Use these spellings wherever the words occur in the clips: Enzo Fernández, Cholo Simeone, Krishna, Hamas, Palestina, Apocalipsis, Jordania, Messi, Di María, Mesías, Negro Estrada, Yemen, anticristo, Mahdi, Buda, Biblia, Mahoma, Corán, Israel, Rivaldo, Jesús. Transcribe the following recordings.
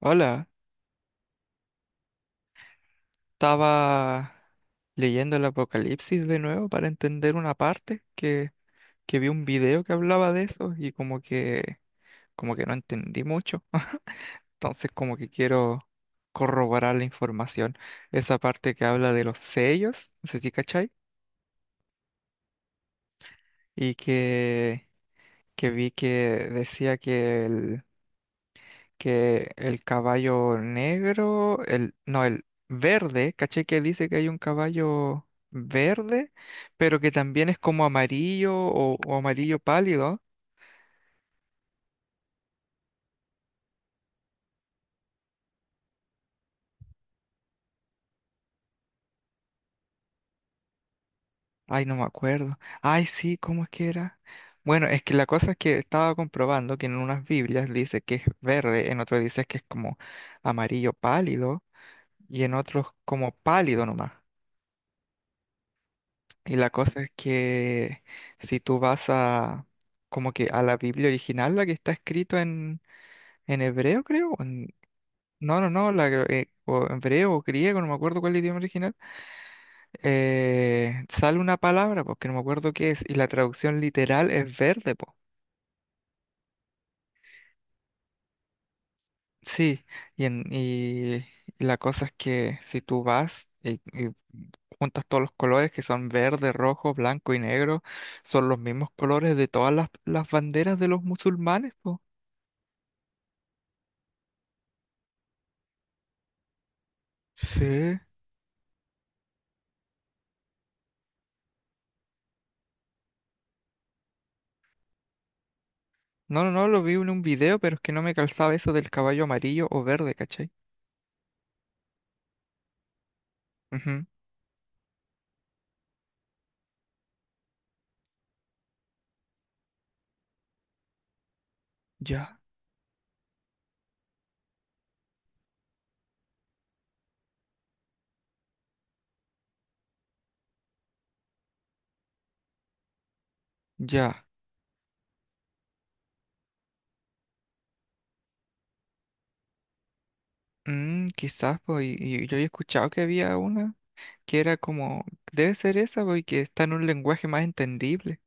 Hola, estaba leyendo el Apocalipsis de nuevo para entender una parte que vi un video que hablaba de eso y como que no entendí mucho. Entonces como que quiero corroborar la información. Esa parte que habla de los sellos, no sé si cachai, y que, que vi que decía que el caballo negro, el, no, el verde, caché que dice que hay un caballo verde, pero que también es como amarillo o amarillo pálido. Ay, no me acuerdo. Ay, sí, ¿cómo es que era? Bueno, es que la cosa es que estaba comprobando que en unas Biblias dice que es verde, en otras dice que es como amarillo pálido y en otros como pálido nomás. Y la cosa es que si tú vas a como que a la Biblia original, la que está escrito en hebreo, creo, no, no, no, o hebreo o griego, no me acuerdo cuál es el idioma original, sale una palabra, porque no me acuerdo qué es, y la traducción literal es verde, po. Sí, y la cosa es que si tú vas y juntas todos los colores que son verde, rojo, blanco y negro, son los mismos colores de todas las banderas de los musulmanes, po. Sí. No, no, no, lo vi en un video, pero es que no me calzaba eso del caballo amarillo o verde, ¿cachai? Ujú. Ya, ya. Mm, quizás, pues, y yo había escuchado que había una que era como, debe ser esa, pues, y que está en un lenguaje más entendible,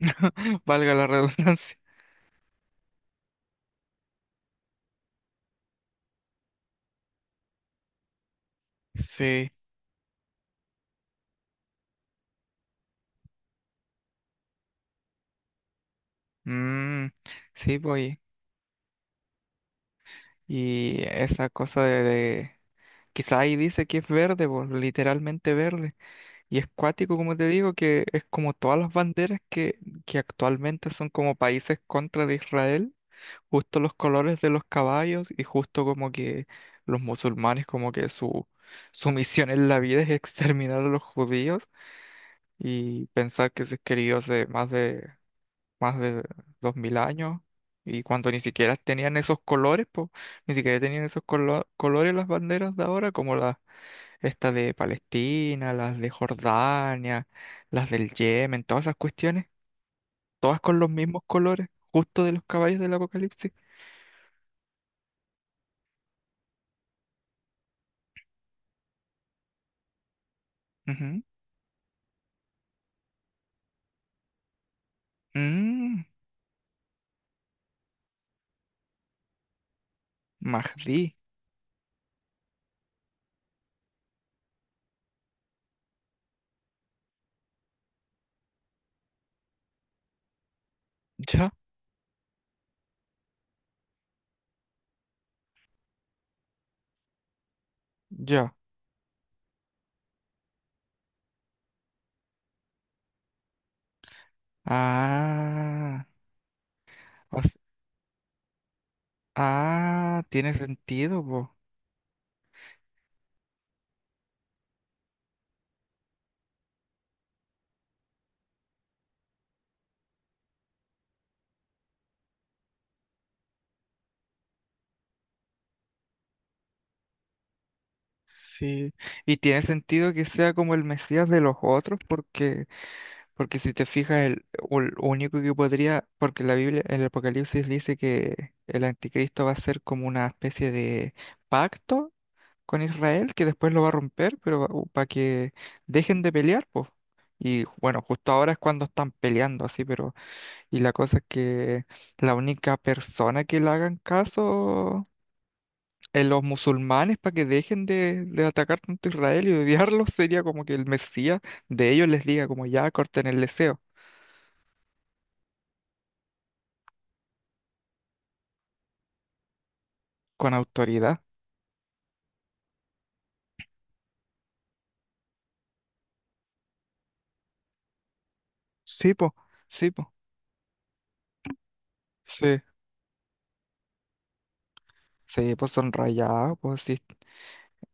valga la redundancia. Sí, mm, sí, pues, y esa cosa quizás ahí dice que es verde, pues, literalmente verde. Y es cuático, como te digo, que es como todas las banderas que actualmente son como países contra de Israel, justo los colores de los caballos y justo como que los musulmanes como que su misión en la vida es exterminar a los judíos y pensar que se escribió hace más de 2.000 años y cuando ni siquiera tenían esos colores, pues ni siquiera tenían esos colores las banderas de ahora como las estas de Palestina, las de Jordania, las del Yemen, todas esas cuestiones, todas con los mismos colores, justo de los caballos del Apocalipsis. Ujú. Mm, Mahdi. Ya, ya. Ah, o s- ah, tiene sentido, po. Sí. Y tiene sentido que sea como el Mesías de los otros, porque porque si te fijas, el, o el único que podría, porque la Biblia, el Apocalipsis dice que el anticristo va a ser como una especie de pacto con Israel, que después lo va a romper, pero para que dejen de pelear, pues. Y bueno, justo ahora es cuando están peleando así, pero y la cosa es que la única persona que le hagan caso en los musulmanes para que dejen de atacar tanto a Israel y odiarlos sería como que el Mesías de ellos les diga como ya corten el deseo. Con autoridad. Sí, po, sí, po, sí. Sí, pues son rayados, pues sí,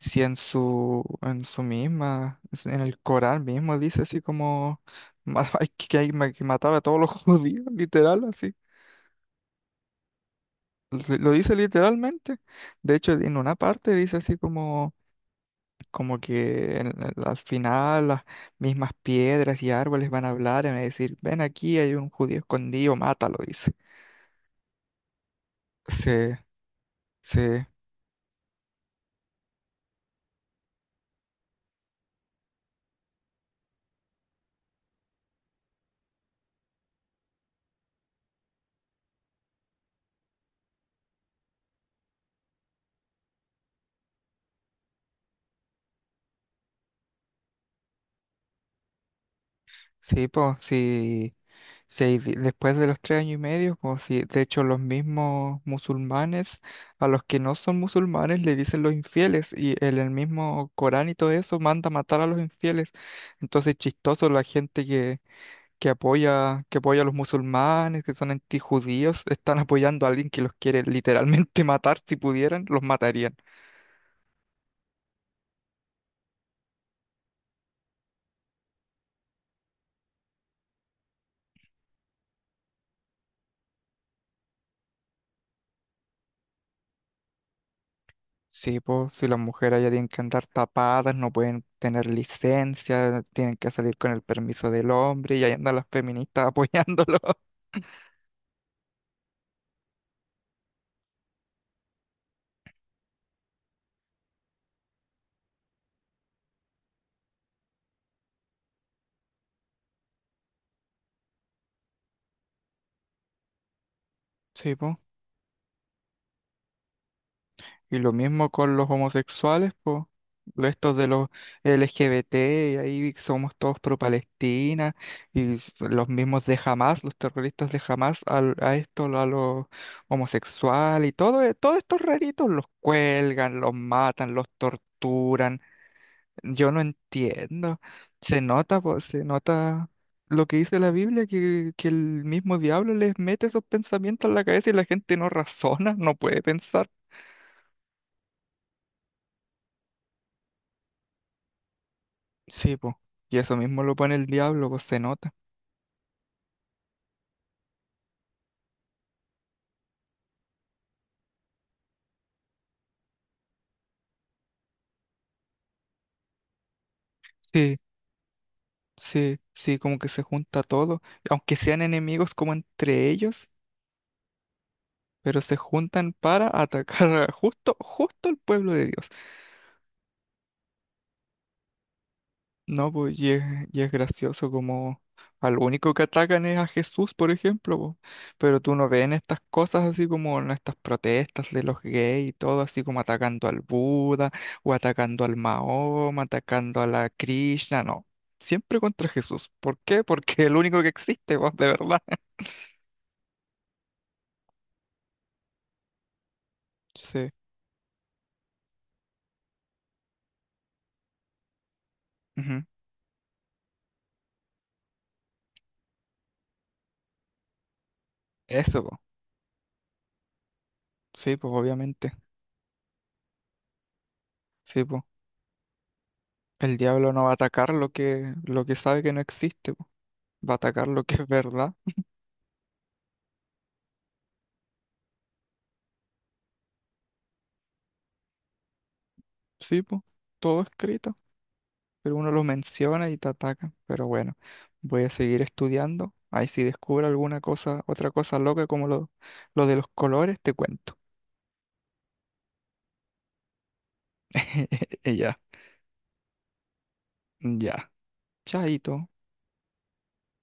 en su misma, en el Corán mismo dice así como hay que hay que matar a todos los judíos, literal, así. Lo dice literalmente. De hecho, en una parte dice así como, como que al final las mismas piedras y árboles van a hablar y van a decir, ven aquí, hay un judío escondido, mátalo, dice. Sí, sí. Sí, pues, sí, sí, después de los 3 años y medio, pues, sí, de hecho, los mismos musulmanes, a los que no son musulmanes, le dicen los infieles, y en el mismo Corán y todo eso manda matar a los infieles. Entonces, chistoso, que apoya a los musulmanes, que son antijudíos, están apoyando a alguien que los quiere literalmente matar, si pudieran, los matarían. Sí, pues, si las mujeres ya tienen que andar tapadas, no pueden tener licencia, tienen que salir con el permiso del hombre y ahí andan las feministas apoyándolo. Sí, pues. Y lo mismo con los homosexuales, pues. Estos de los LGBT, y ahí somos todos pro Palestina, los mismos de Hamas, los terroristas de Hamas, esto, a los homosexuales, y todo, todos estos raritos los cuelgan, los matan, los torturan. Yo no entiendo. Se nota, pues, se nota lo que dice la Biblia, que el mismo diablo les mete esos pensamientos en la cabeza y la gente no razona, no puede pensar. Sí, pues. Y eso mismo lo pone el diablo, pues se nota. Sí, sí, sí, como que se junta todo. Aunque sean enemigos como entre ellos, pero se juntan para atacar justo, justo al pueblo de Dios. No, pues y es gracioso como al único que atacan es a Jesús, por ejemplo, po. Pero tú no ves en estas cosas así como en estas protestas de los gays y todo, así como atacando al Buda o atacando al Mahoma, atacando a la Krishna, no. Siempre contra Jesús. ¿Por qué? Porque es el único que existe, pues, de verdad. Sí. Ujú. Eso, po. Sí, pues obviamente. Sí, pues. El diablo no va a atacar lo que sabe que no existe, po. Va a atacar lo que es verdad. Sí, pues. Todo escrito. Pero uno lo menciona y te ataca. Pero bueno, voy a seguir estudiando. Ahí si descubro alguna cosa, otra cosa loca como lo de los colores, te cuento. Y ya, ya. Chaito.